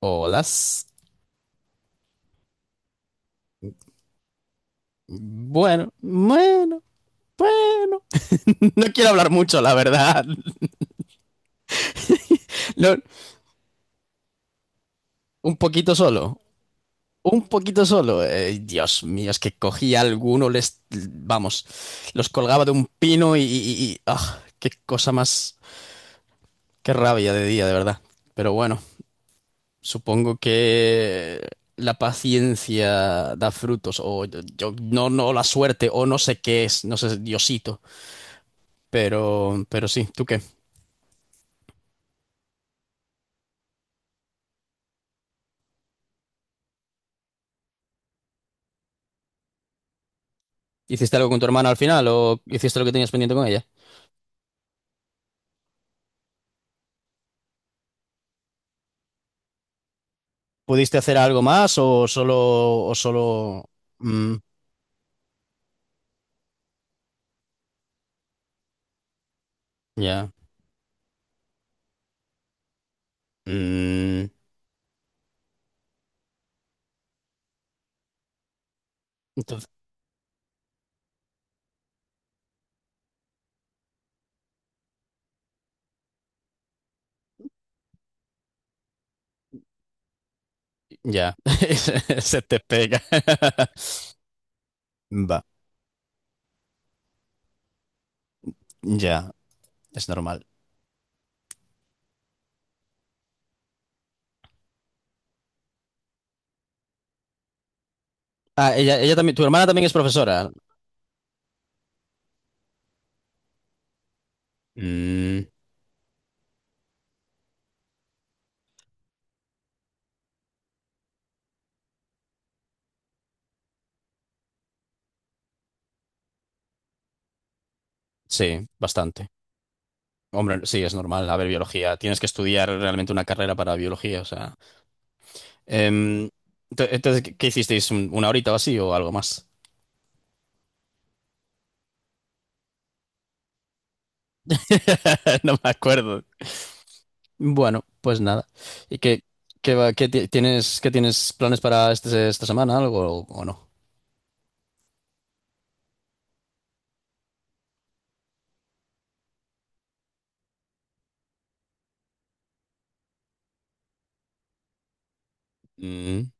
Hola. Bueno, bueno, bueno. No quiero hablar mucho, la verdad. No, un poquito solo. Un poquito solo. Dios mío, es que cogía alguno, les, vamos, los colgaba de un pino y qué cosa más, qué rabia de día, de verdad. Pero bueno, supongo que la paciencia da frutos, o no, no, la suerte, o no sé qué es, no sé, Diosito. Pero sí, ¿tú qué? ¿Hiciste algo con tu hermana al final o hiciste lo que tenías pendiente con ella? ¿Pudiste hacer algo más o solo... Mm, ya. Mm, entonces, ya. Se te pega. Va, ya. Es normal. Ah, ella también... ¿Tu hermana también es profesora? Mm, sí, bastante. Hombre, sí, es normal. A ver, biología. Tienes que estudiar realmente una carrera para biología, o sea... Em, entonces, ¿qué hicisteis? Una horita o así o algo más? No me acuerdo. Bueno, pues nada. ¿Y qué tienes, qué tienes planes para esta semana, algo o no? Mm,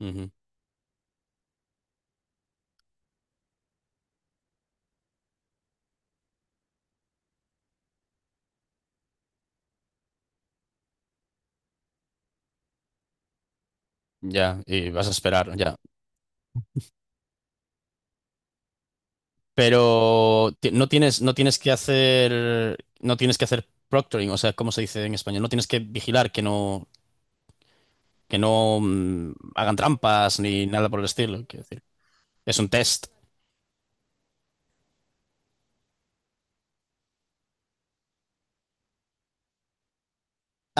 ujú. Ya, y vas a esperar, ya. Pero no tienes, no tienes que hacer, no tienes que hacer proctoring, o sea, ¿cómo se dice en español? No tienes que vigilar que no hagan trampas ni nada por el estilo, quiero decir. Es un test.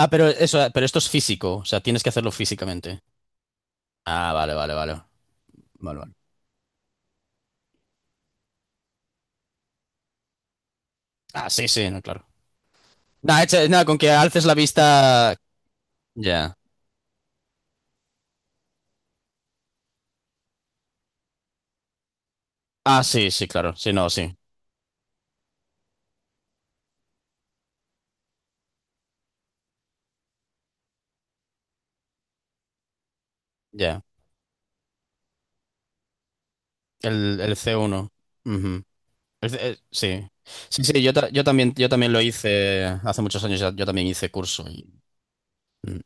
Ah, pero eso, pero esto es físico, o sea, tienes que hacerlo físicamente. Ah, vale, vale, vale. Vale, vale. Ah, sí, sí, no, claro. Nah, nah, con que alces la vista. Ya. Ah, sí, sí, claro. Sí, no, sí. Ya. El C1. Ujú. Sí. Sí, sí, yo también lo hice hace muchos años, yo también hice curso. Y- Mm.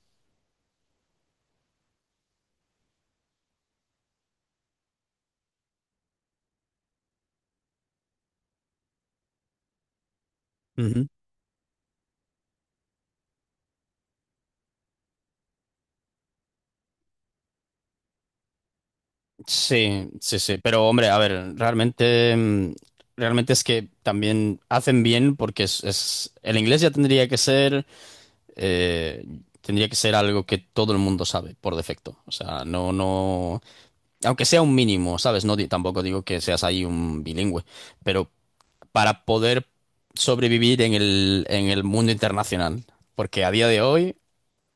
Ujú. Sí, sí, sí. Pero, hombre, a ver, realmente, realmente es que también hacen bien porque el inglés ya eh, tendría que ser algo que todo el mundo sabe por defecto. O sea, no, no, aunque sea un mínimo, ¿sabes? No, tampoco digo que seas ahí un bilingüe, pero para poder sobrevivir en el mundo internacional. Porque a día de hoy,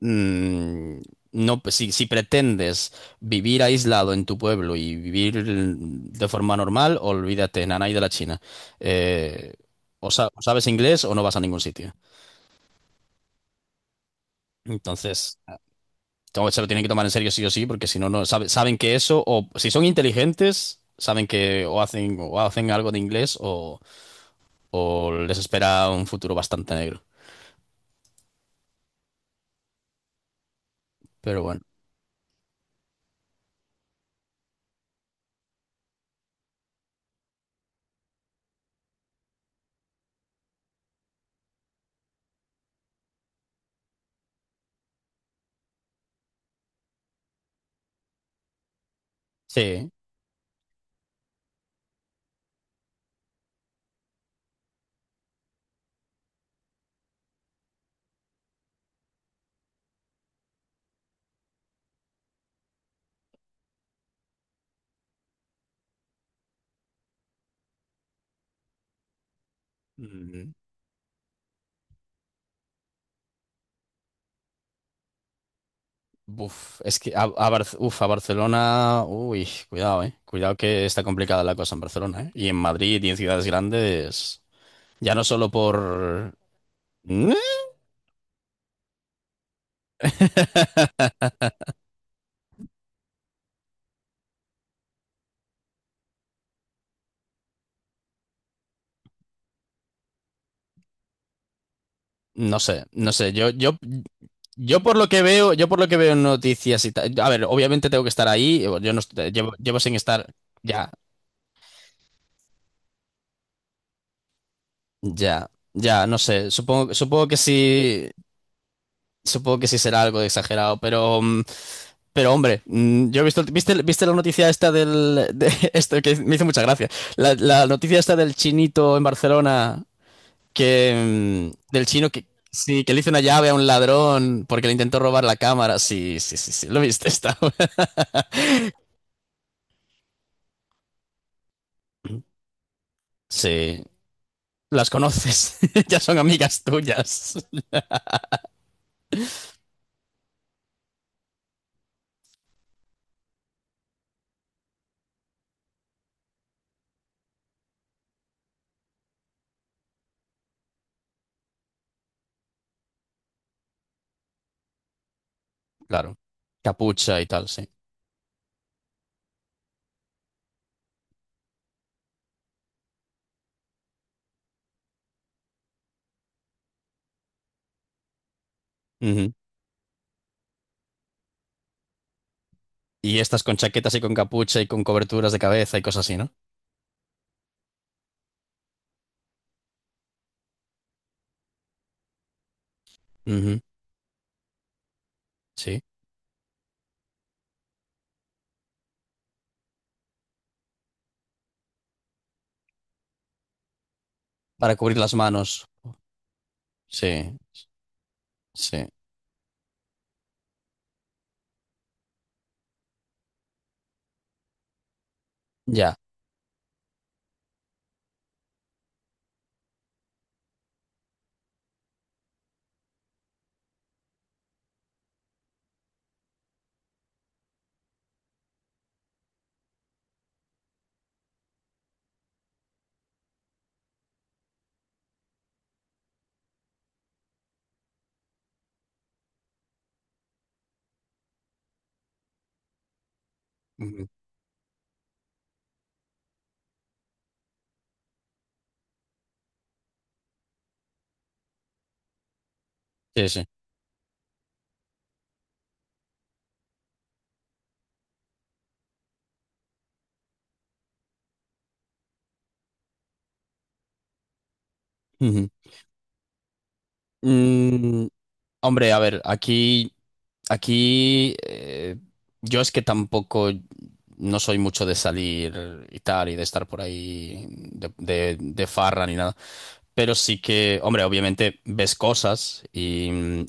mm, no, pues, si, si pretendes vivir aislado en tu pueblo y vivir de forma normal, olvídate, nanay de la China. Eh, o, o sabes inglés o no vas a ningún sitio. Entonces, se lo tienen que tomar en serio sí o sí, porque si no, saben que eso, o si son inteligentes, saben que o hacen algo de inglés o les espera un futuro bastante negro. Pero bueno, sí. Mm, uf, es que a uf, a Barcelona, uy, cuidado, eh. Cuidado que está complicada la cosa en Barcelona, eh. Y en Madrid y en ciudades grandes, ya no solo por... No sé, no sé. Yo por lo que veo, yo por lo que veo en noticias y tal. A ver, obviamente tengo que estar ahí. Yo no llevo, llevo sin estar. Ya, ya, ya, no sé. Supongo, supongo que sí. Supongo que sí será algo de exagerado, pero mm, pero hombre, mm, yo he visto, ¿viste, viste la noticia esta de esto que me hizo mucha gracia? La noticia esta del chinito en Barcelona que del chino que sí, que le hizo una llave a un ladrón porque le intentó robar la cámara. Sí, sí, sí, sí. ¿Lo viste esta? Sí, las conoces. Ya son amigas tuyas. Claro. Capucha y tal, sí. Ujú. Y estas con chaquetas y con capucha y con coberturas de cabeza y cosas así, ¿no? Ujú, sí. Para cubrir las manos. Sí, sí. Ya. Ujú. Sí, sí. Ujú. Mm, hombre, a ver, aquí yo es que tampoco no soy mucho de salir y tal y de estar por ahí de farra ni nada. Pero sí que, hombre, obviamente ves cosas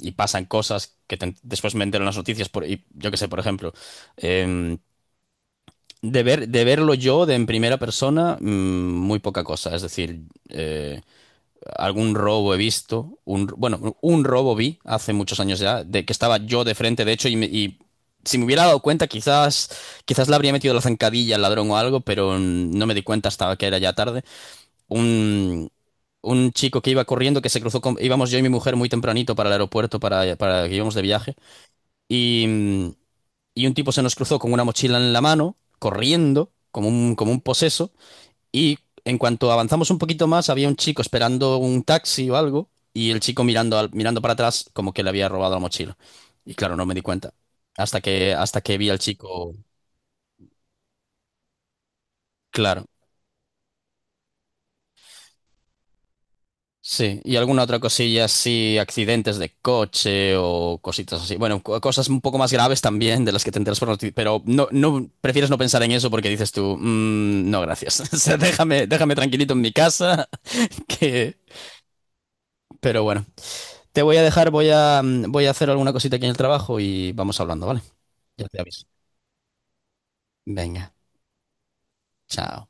y pasan cosas que después me entero en las noticias. Por, y yo qué sé, por ejemplo, em, de ver, de verlo yo de en primera persona, mm, muy poca cosa. Es decir, eh, algún robo he visto, un, bueno, un robo vi hace muchos años ya, de que estaba yo de frente, de hecho, y, y si me hubiera dado cuenta, quizás, quizás le habría metido la zancadilla al ladrón o algo, pero no me di cuenta hasta que era ya tarde. Un, un chico que iba corriendo, que se cruzó con, íbamos yo y mi mujer muy tempranito para el aeropuerto, para que íbamos de viaje, y, y un tipo se nos cruzó con una mochila en la mano, corriendo, como un poseso. Y en cuanto avanzamos un poquito más, había un chico esperando un taxi o algo, y el chico mirando, mirando para atrás como que le había robado la mochila. Y claro, no me di cuenta. Hasta que vi al chico, claro. Sí, y alguna otra cosilla así, accidentes de coche o cositas así. Bueno, cosas un poco más graves también de las que te enteras por noticias, pero no, no, prefieres no pensar en eso porque dices tú, "Mm, no, gracias. O sea, déjame, déjame tranquilito en mi casa, que..." Pero bueno. Te voy a dejar, voy a hacer alguna cosita aquí en el trabajo y vamos hablando, ¿vale? Ya te aviso. Venga, chao.